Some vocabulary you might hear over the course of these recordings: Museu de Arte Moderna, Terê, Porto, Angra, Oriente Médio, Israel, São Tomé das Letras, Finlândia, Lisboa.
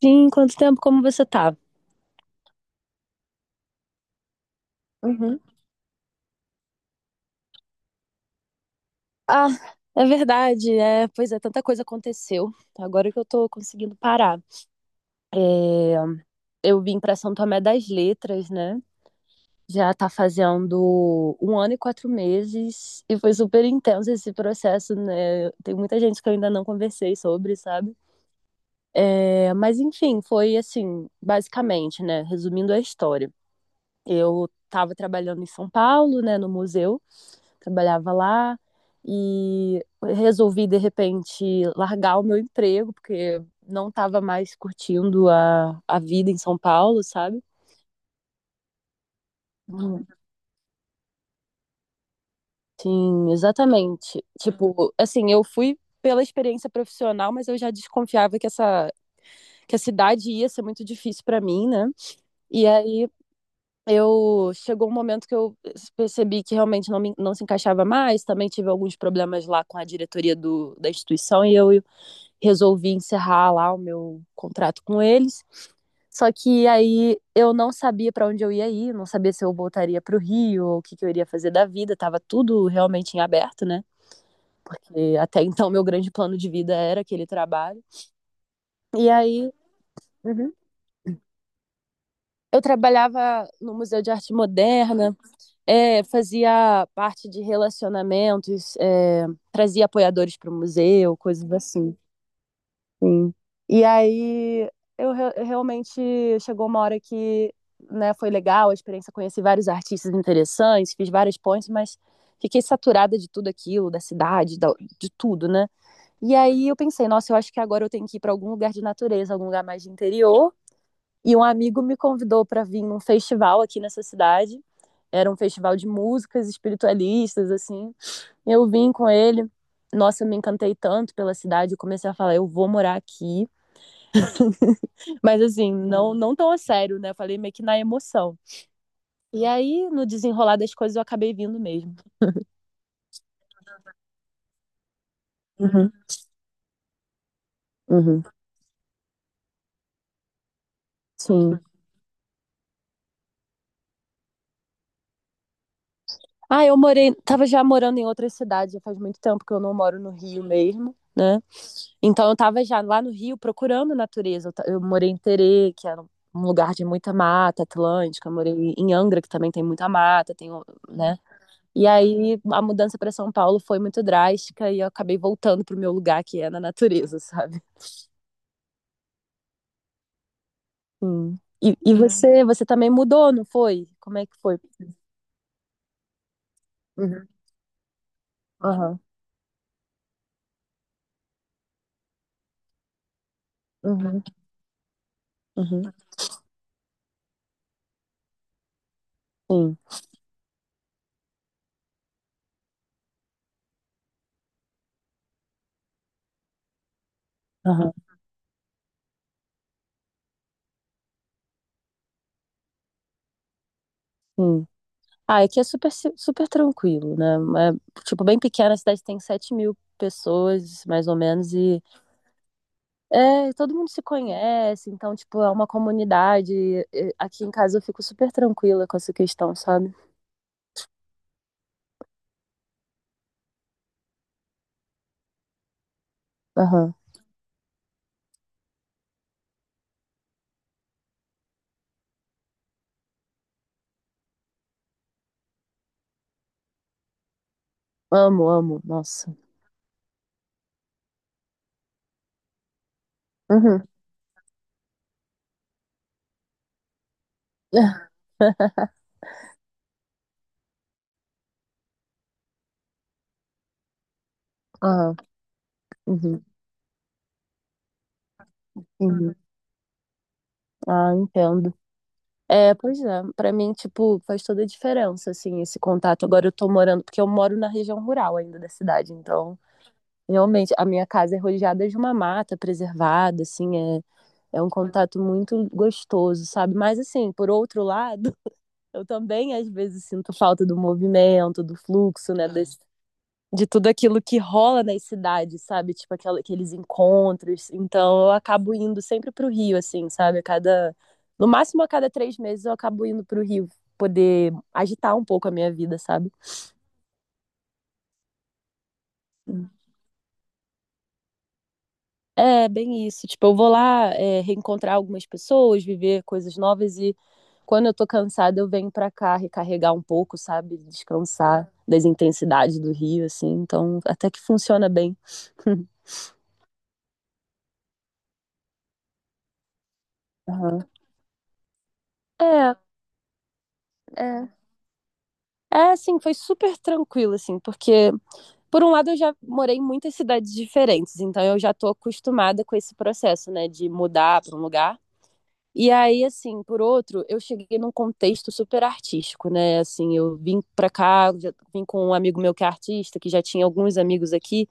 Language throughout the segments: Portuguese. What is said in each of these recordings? Sim, quanto tempo, como você tá? Uhum. Ah, é verdade, pois é, tanta coisa aconteceu. Agora que eu tô conseguindo parar. É, Eu vim pra São Tomé das Letras, né? Já tá fazendo um ano e 4 meses e foi super intenso esse processo, né? Tem muita gente que eu ainda não conversei sobre, sabe? É, mas enfim, foi assim, basicamente, né? Resumindo a história. Eu tava trabalhando em São Paulo, né, no museu. Trabalhava lá e resolvi de repente largar o meu emprego porque não estava mais curtindo a vida em São Paulo, sabe? Uhum. Sim, exatamente. Tipo, assim, eu fui pela experiência profissional, mas eu já desconfiava que a cidade ia ser muito difícil para mim, né? E aí eu chegou um momento que eu percebi que realmente não se encaixava mais. Também tive alguns problemas lá com a diretoria da instituição e eu resolvi encerrar lá o meu contrato com eles. Só que aí eu não sabia para onde eu ia ir, não sabia se eu voltaria para o Rio ou o que, que eu iria fazer da vida, tava tudo realmente em aberto, né? Porque até então meu grande plano de vida era aquele trabalho. E aí uhum. Eu trabalhava no Museu de Arte Moderna, é, fazia parte de relacionamentos, trazia apoiadores para o museu, coisas assim. Sim. E aí eu realmente chegou uma hora que, né, foi legal a experiência, conheci vários artistas interessantes, fiz várias pontes, mas fiquei saturada de tudo aquilo, da cidade, de tudo, né? E aí eu pensei, nossa, eu acho que agora eu tenho que ir para algum lugar de natureza, algum lugar mais de interior. E um amigo me convidou para vir num festival aqui nessa cidade. Era um festival de músicas espiritualistas, assim. Eu vim com ele. Nossa, eu me encantei tanto pela cidade, eu comecei a falar, eu vou morar aqui. Mas assim, não, não tão a sério, né? Eu falei meio que na emoção. E aí, no desenrolar das coisas, eu acabei vindo mesmo. Uhum, uhum. Sim. Ah, eu morei, tava já morando em outras cidades, já faz muito tempo que eu não moro no Rio mesmo, né? Então eu tava já lá no Rio procurando natureza. Eu morei em Terê, que era um lugar de muita mata atlântica, eu morei em Angra, que também tem muita mata, tem, né? E aí a mudança para São Paulo foi muito drástica e eu acabei voltando pro meu lugar, que é na natureza, sabe? Sim. E Sim. você também mudou, não foi? Como é que foi? Uhum, aham, uhum, uhum, sim, aham, sim. Ah, aqui é super, super tranquilo, né? É, tipo, bem pequena, a cidade tem 7 mil pessoas, mais ou menos, e é, todo mundo se conhece, então, tipo, é uma comunidade. E aqui em casa eu fico super tranquila com essa questão, sabe? Aham, amo, amo, nossa. Uhum. Aham, uhum, uhum. Ah, entendo. É, pois é, pra mim, tipo, faz toda a diferença, assim, esse contato. Agora eu tô morando, porque eu moro na região rural ainda da cidade, então, realmente, a minha casa é rodeada de uma mata preservada, assim, é, é um contato muito gostoso, sabe? Mas, assim, por outro lado, eu também às vezes sinto falta do movimento, do fluxo, né, das de tudo aquilo que rola nas cidades, sabe? Tipo aqueles encontros. Então eu acabo indo sempre pro Rio, assim, sabe? A cada, no máximo a cada 3 meses eu acabo indo pro Rio poder agitar um pouco a minha vida, sabe? É, bem isso. Tipo, eu vou lá, é, reencontrar algumas pessoas, viver coisas novas e quando eu tô cansada eu venho pra cá recarregar um pouco, sabe? Descansar das intensidades do Rio, assim. Então até que funciona bem. Aham. É, é. É, assim, foi super tranquilo, assim, porque, por um lado, eu já morei em muitas cidades diferentes, então eu já tô acostumada com esse processo, né, de mudar para um lugar. E aí, assim, por outro, eu cheguei num contexto super artístico, né? Assim, eu vim pra cá, já vim com um amigo meu que é artista, que já tinha alguns amigos aqui,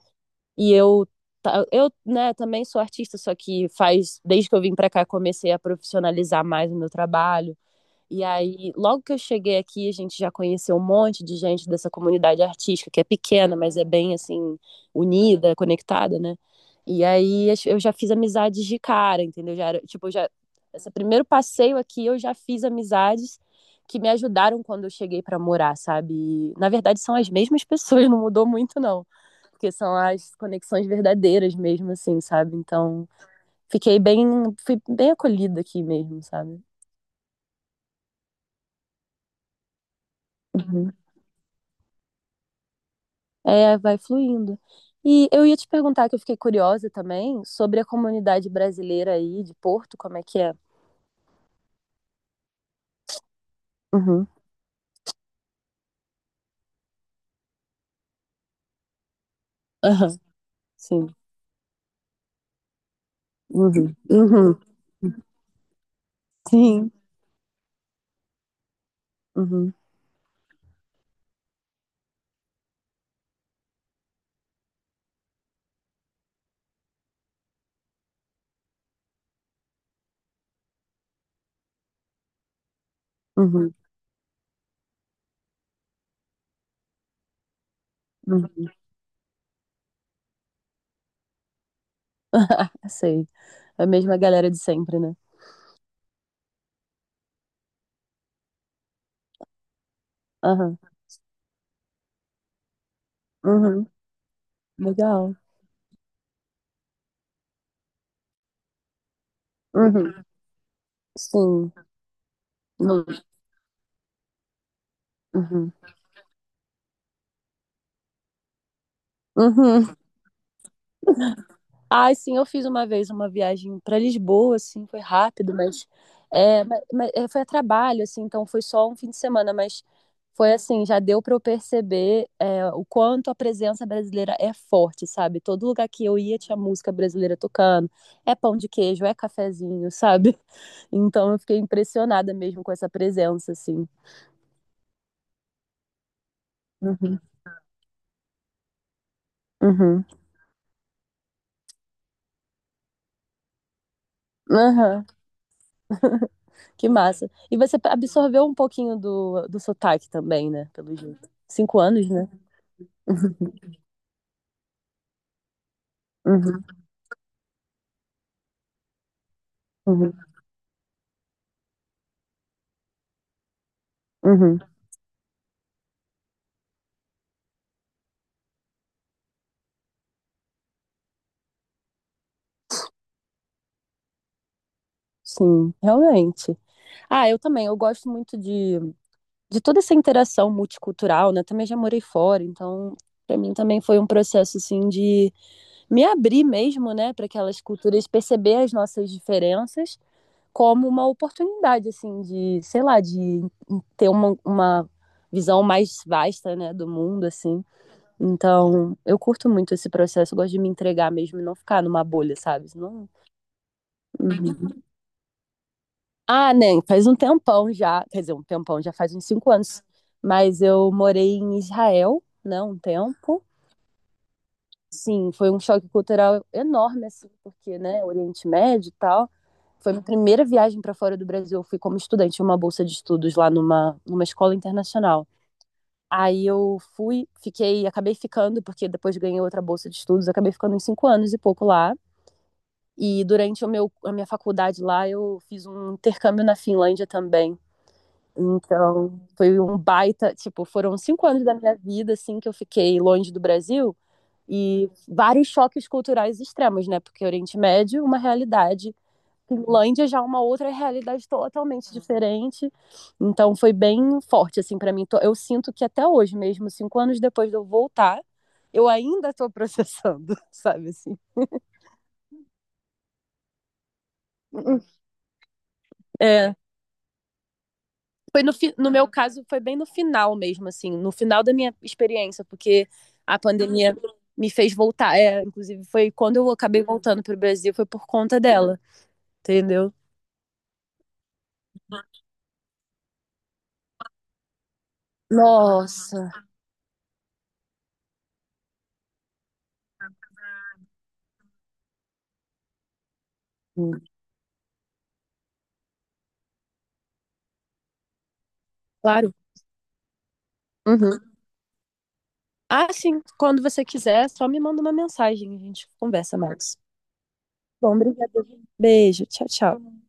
e eu, né, também sou artista, só que faz, desde que eu vim pra cá, comecei a profissionalizar mais o meu trabalho. E aí, logo que eu cheguei aqui, a gente já conheceu um monte de gente dessa comunidade artística, que é pequena, mas é bem assim, unida, conectada, né? E aí eu já fiz amizades de cara, entendeu? Já era, tipo, já esse primeiro passeio aqui eu já fiz amizades que me ajudaram quando eu cheguei para morar, sabe? E, na verdade são as mesmas pessoas, não mudou muito não, porque são as conexões verdadeiras mesmo assim, sabe? Então, fiquei bem fui bem acolhida aqui mesmo, sabe? Uhum. É, vai fluindo. E eu ia te perguntar, que eu fiquei curiosa também, sobre a comunidade brasileira aí de Porto, como é que é? Uhum, aham, sim. Uhum, uhum, sim. Uhum, uhum, uhum. Sei. A mesma galera de sempre, né? Aham, uhum, legal. Uhum, sim. Uhum, uhum. Uhum. Ai, sim, eu fiz uma vez uma viagem para Lisboa, assim, foi rápido, mas, foi a trabalho, assim, então foi só um fim de semana, mas foi assim, já deu para eu perceber o quanto a presença brasileira é forte, sabe? Todo lugar que eu ia tinha música brasileira tocando, é pão de queijo, é cafezinho, sabe? Então eu fiquei impressionada mesmo com essa presença, assim. Uhum, uhum, aham, que massa. E você absorveu um pouquinho do sotaque também, né? Pelo jeito. 5 anos, né? Uhum, uhum, uhum. Sim, realmente. Ah, eu também, eu gosto muito de toda essa interação multicultural, né? Também já morei fora, então para mim também foi um processo assim de me abrir mesmo, né, para aquelas culturas, perceber as nossas diferenças como uma oportunidade assim de, sei lá, de ter uma, visão mais vasta, né, do mundo assim. Então, eu curto muito esse processo, eu gosto de me entregar mesmo e não ficar numa bolha, sabe? Não, ah, nem, faz um tempão já, quer dizer, um tempão, já faz uns 5 anos. Mas eu morei em Israel, né, um tempo. Sim, foi um choque cultural enorme, assim, porque, né, Oriente Médio e tal. Foi minha primeira viagem para fora do Brasil. Eu fui como estudante, tinha uma bolsa de estudos lá numa escola internacional. Aí eu fui, fiquei, acabei ficando, porque depois ganhei outra bolsa de estudos, acabei ficando uns 5 anos e pouco lá. E durante o meu, a minha faculdade lá, eu fiz um intercâmbio na Finlândia também. Então, foi um baita, tipo, foram cinco anos da minha vida, assim, que eu fiquei longe do Brasil e vários choques culturais extremos, né? Porque Oriente Médio, uma realidade, Finlândia já é uma outra realidade totalmente diferente. Então, foi bem forte, assim, para mim. Eu sinto que até hoje mesmo, 5 anos depois de eu voltar, eu ainda tô processando, sabe assim? É, Foi no meu caso, foi bem no final mesmo, assim, no final da minha experiência, porque a pandemia me fez voltar. É, inclusive, foi quando eu acabei voltando para o Brasil, foi por conta dela, entendeu? Nossa, claro. Uhum. Ah, sim, quando você quiser, só me manda uma mensagem, a gente conversa mais. Bom, obrigada. Beijo, tchau, tchau.